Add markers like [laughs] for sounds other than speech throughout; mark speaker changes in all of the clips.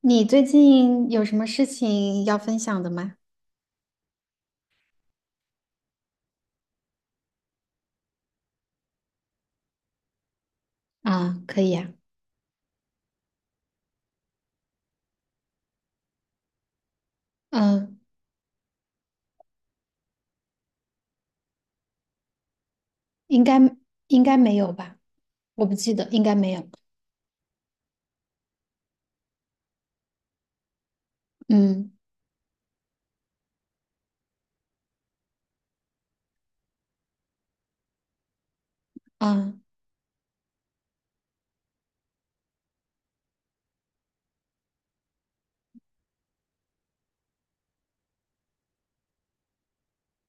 Speaker 1: 你最近有什么事情要分享的吗？啊，可以啊。嗯。应该应该没有吧？我不记得，应该没有。嗯。啊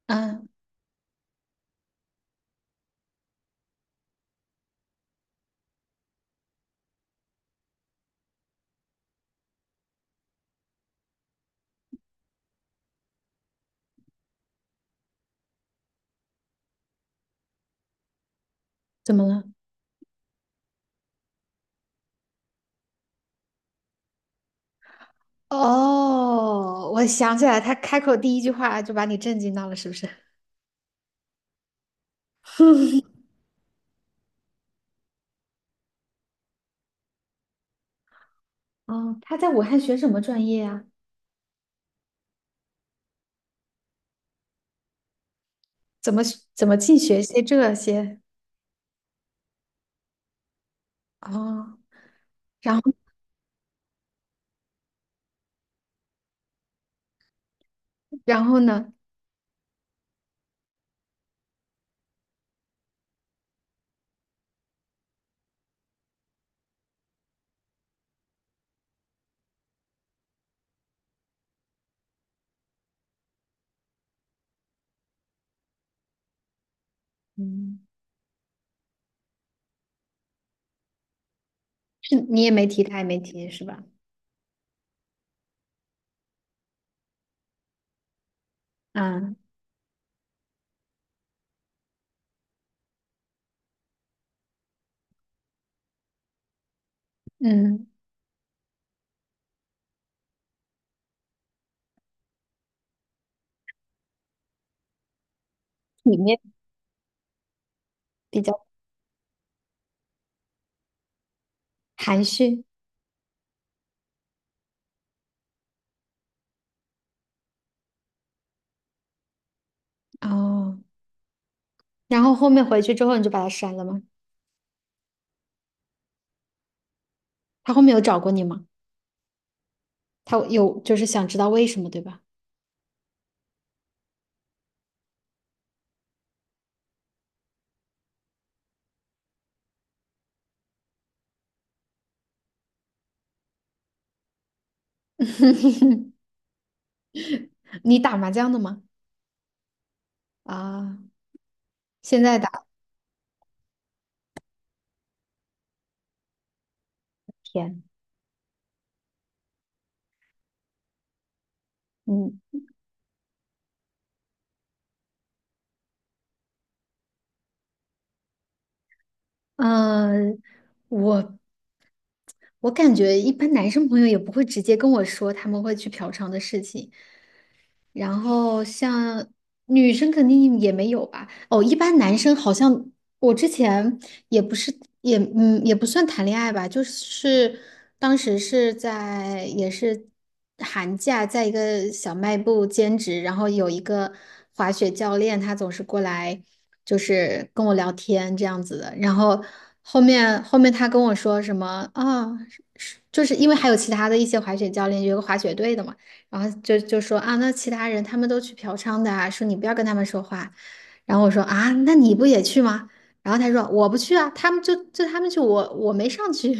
Speaker 1: 啊，怎么了？哦，我想起来，他开口第一句话就把你震惊到了，是不是？[laughs] 哦，他在武汉学什么专业啊？怎么怎么净学些这些？哦，然后然后呢？嗯，是你也没提，他也没提，是吧？啊。嗯，里面比较含蓄。哦，然后后面回去之后你就把他删了吗？他后面有找过你吗？他有就是想知道为什么，对吧？[laughs] 你打麻将的吗？啊，现在打天。嗯嗯。我我感觉一般男生朋友也不会直接跟我说他们会去嫖娼的事情，然后像女生肯定也没有吧。哦，一般男生好像我之前也不是也也不算谈恋爱吧，就是当时是在也是寒假，在一个小卖部兼职，然后有一个滑雪教练，他总是过来就是跟我聊天这样子的，然后后面他跟我说什么啊，是就是因为还有其他的一些滑雪教练，有个滑雪队的嘛，然后就说啊，那其他人他们都去嫖娼的啊，说你不要跟他们说话。然后我说啊，那你不也去吗？然后他说我不去啊，他们就他们去，我没上去。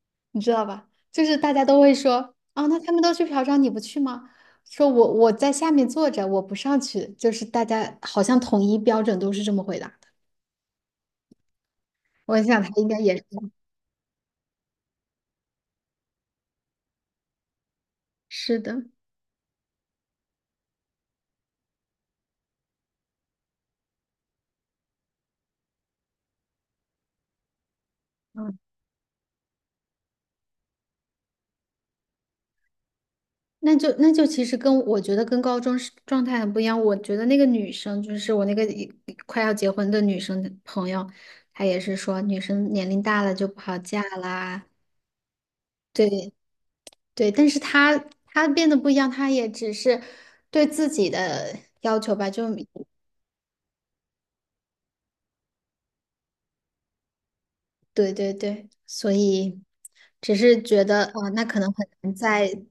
Speaker 1: [laughs] 你知道吧？就是大家都会说啊，那他们都去嫖娼，你不去吗？说我在下面坐着，我不上去，就是大家好像统一标准都是这么回答的。我想他应该也是。是的。嗯，那就那就其实跟我觉得跟高中是状态很不一样。我觉得那个女生就是我那个一快要结婚的女生朋友，她也是说女生年龄大了就不好嫁啦。对对，但是他他变得不一样，他也只是对自己的要求吧，就对对对，所以只是觉得啊、那可能很难再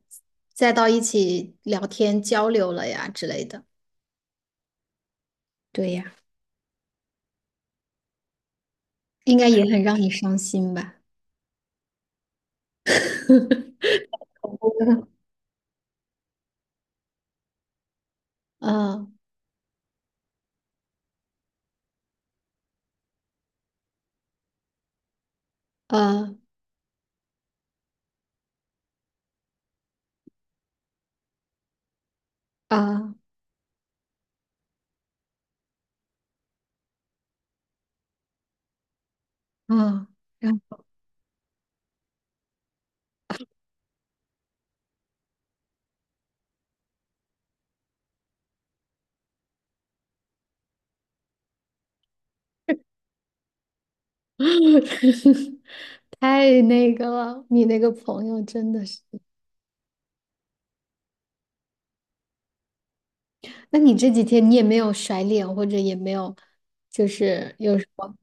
Speaker 1: 再到一起聊天交流了呀之类的。对呀，应该也很让你伤心吧？[laughs] 啊啊啊啊！然后 [laughs] 太那个了，你那个朋友真的是。那你这几天你也没有甩脸，或者也没有，就是有什么，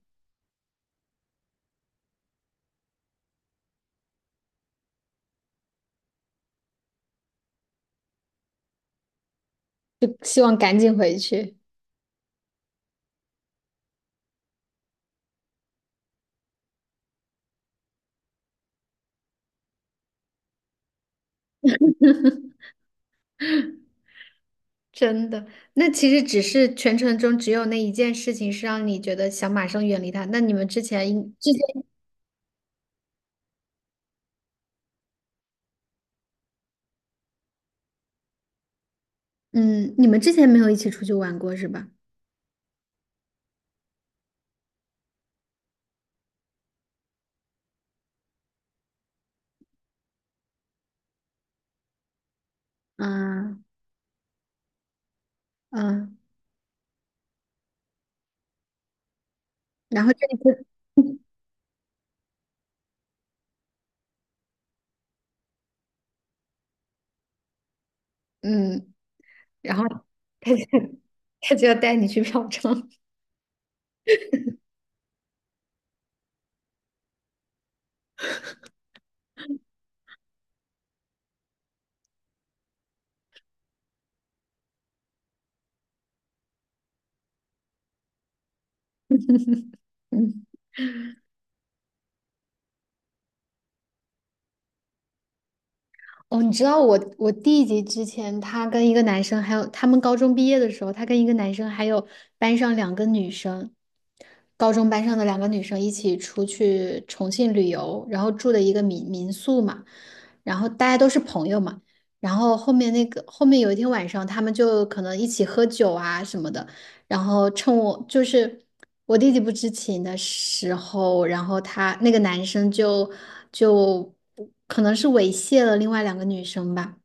Speaker 1: 就希望赶紧回去。真的，那其实只是全程中只有那一件事情是让你觉得想马上远离他。那你们之前应之前，嗯，你们之前没有一起出去玩过是吧？嗯嗯，然后这一次，嗯，然后他就 [laughs] 他就要带你去嫖娼，[laughs] 嗯。哦，你知道我弟弟之前他跟一个男生，还有他们高中毕业的时候，他跟一个男生还有班上两个女生，高中班上的两个女生一起出去重庆旅游，然后住的一个民民宿嘛，然后大家都是朋友嘛，然后后面那个后面有一天晚上，他们就可能一起喝酒啊什么的，然后趁我就是我弟弟不知情的时候，然后他那个男生就可能是猥亵了另外两个女生吧，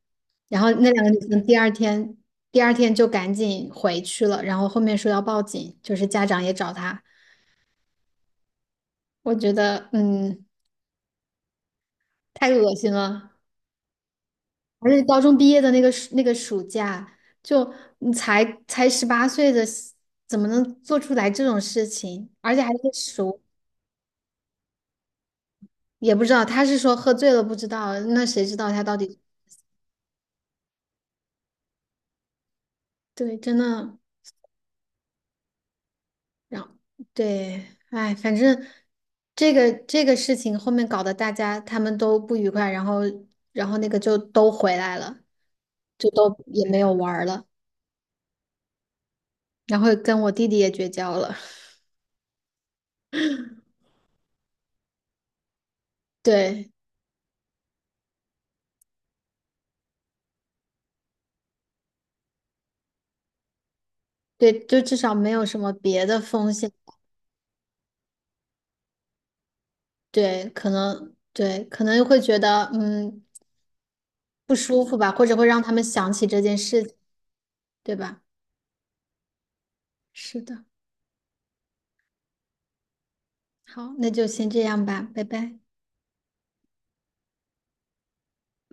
Speaker 1: 然后那两个女生第二天就赶紧回去了，然后后面说要报警，就是家长也找他，我觉得嗯太恶心了，而且高中毕业的那个暑那个暑假，就你才18岁的，怎么能做出来这种事情，而且还是熟。也不知道，他是说喝醉了不知道，那谁知道他到底对，真的，然后对，哎，反正这个事情后面搞得大家他们都不愉快，然后那个就都回来了，就都也没有玩儿了，然后跟我弟弟也绝交了，对对，就至少没有什么别的风险，对，可能对可能会觉得嗯不舒服吧，或者会让他们想起这件事情，对吧？是的。好，那就先这样吧，拜拜。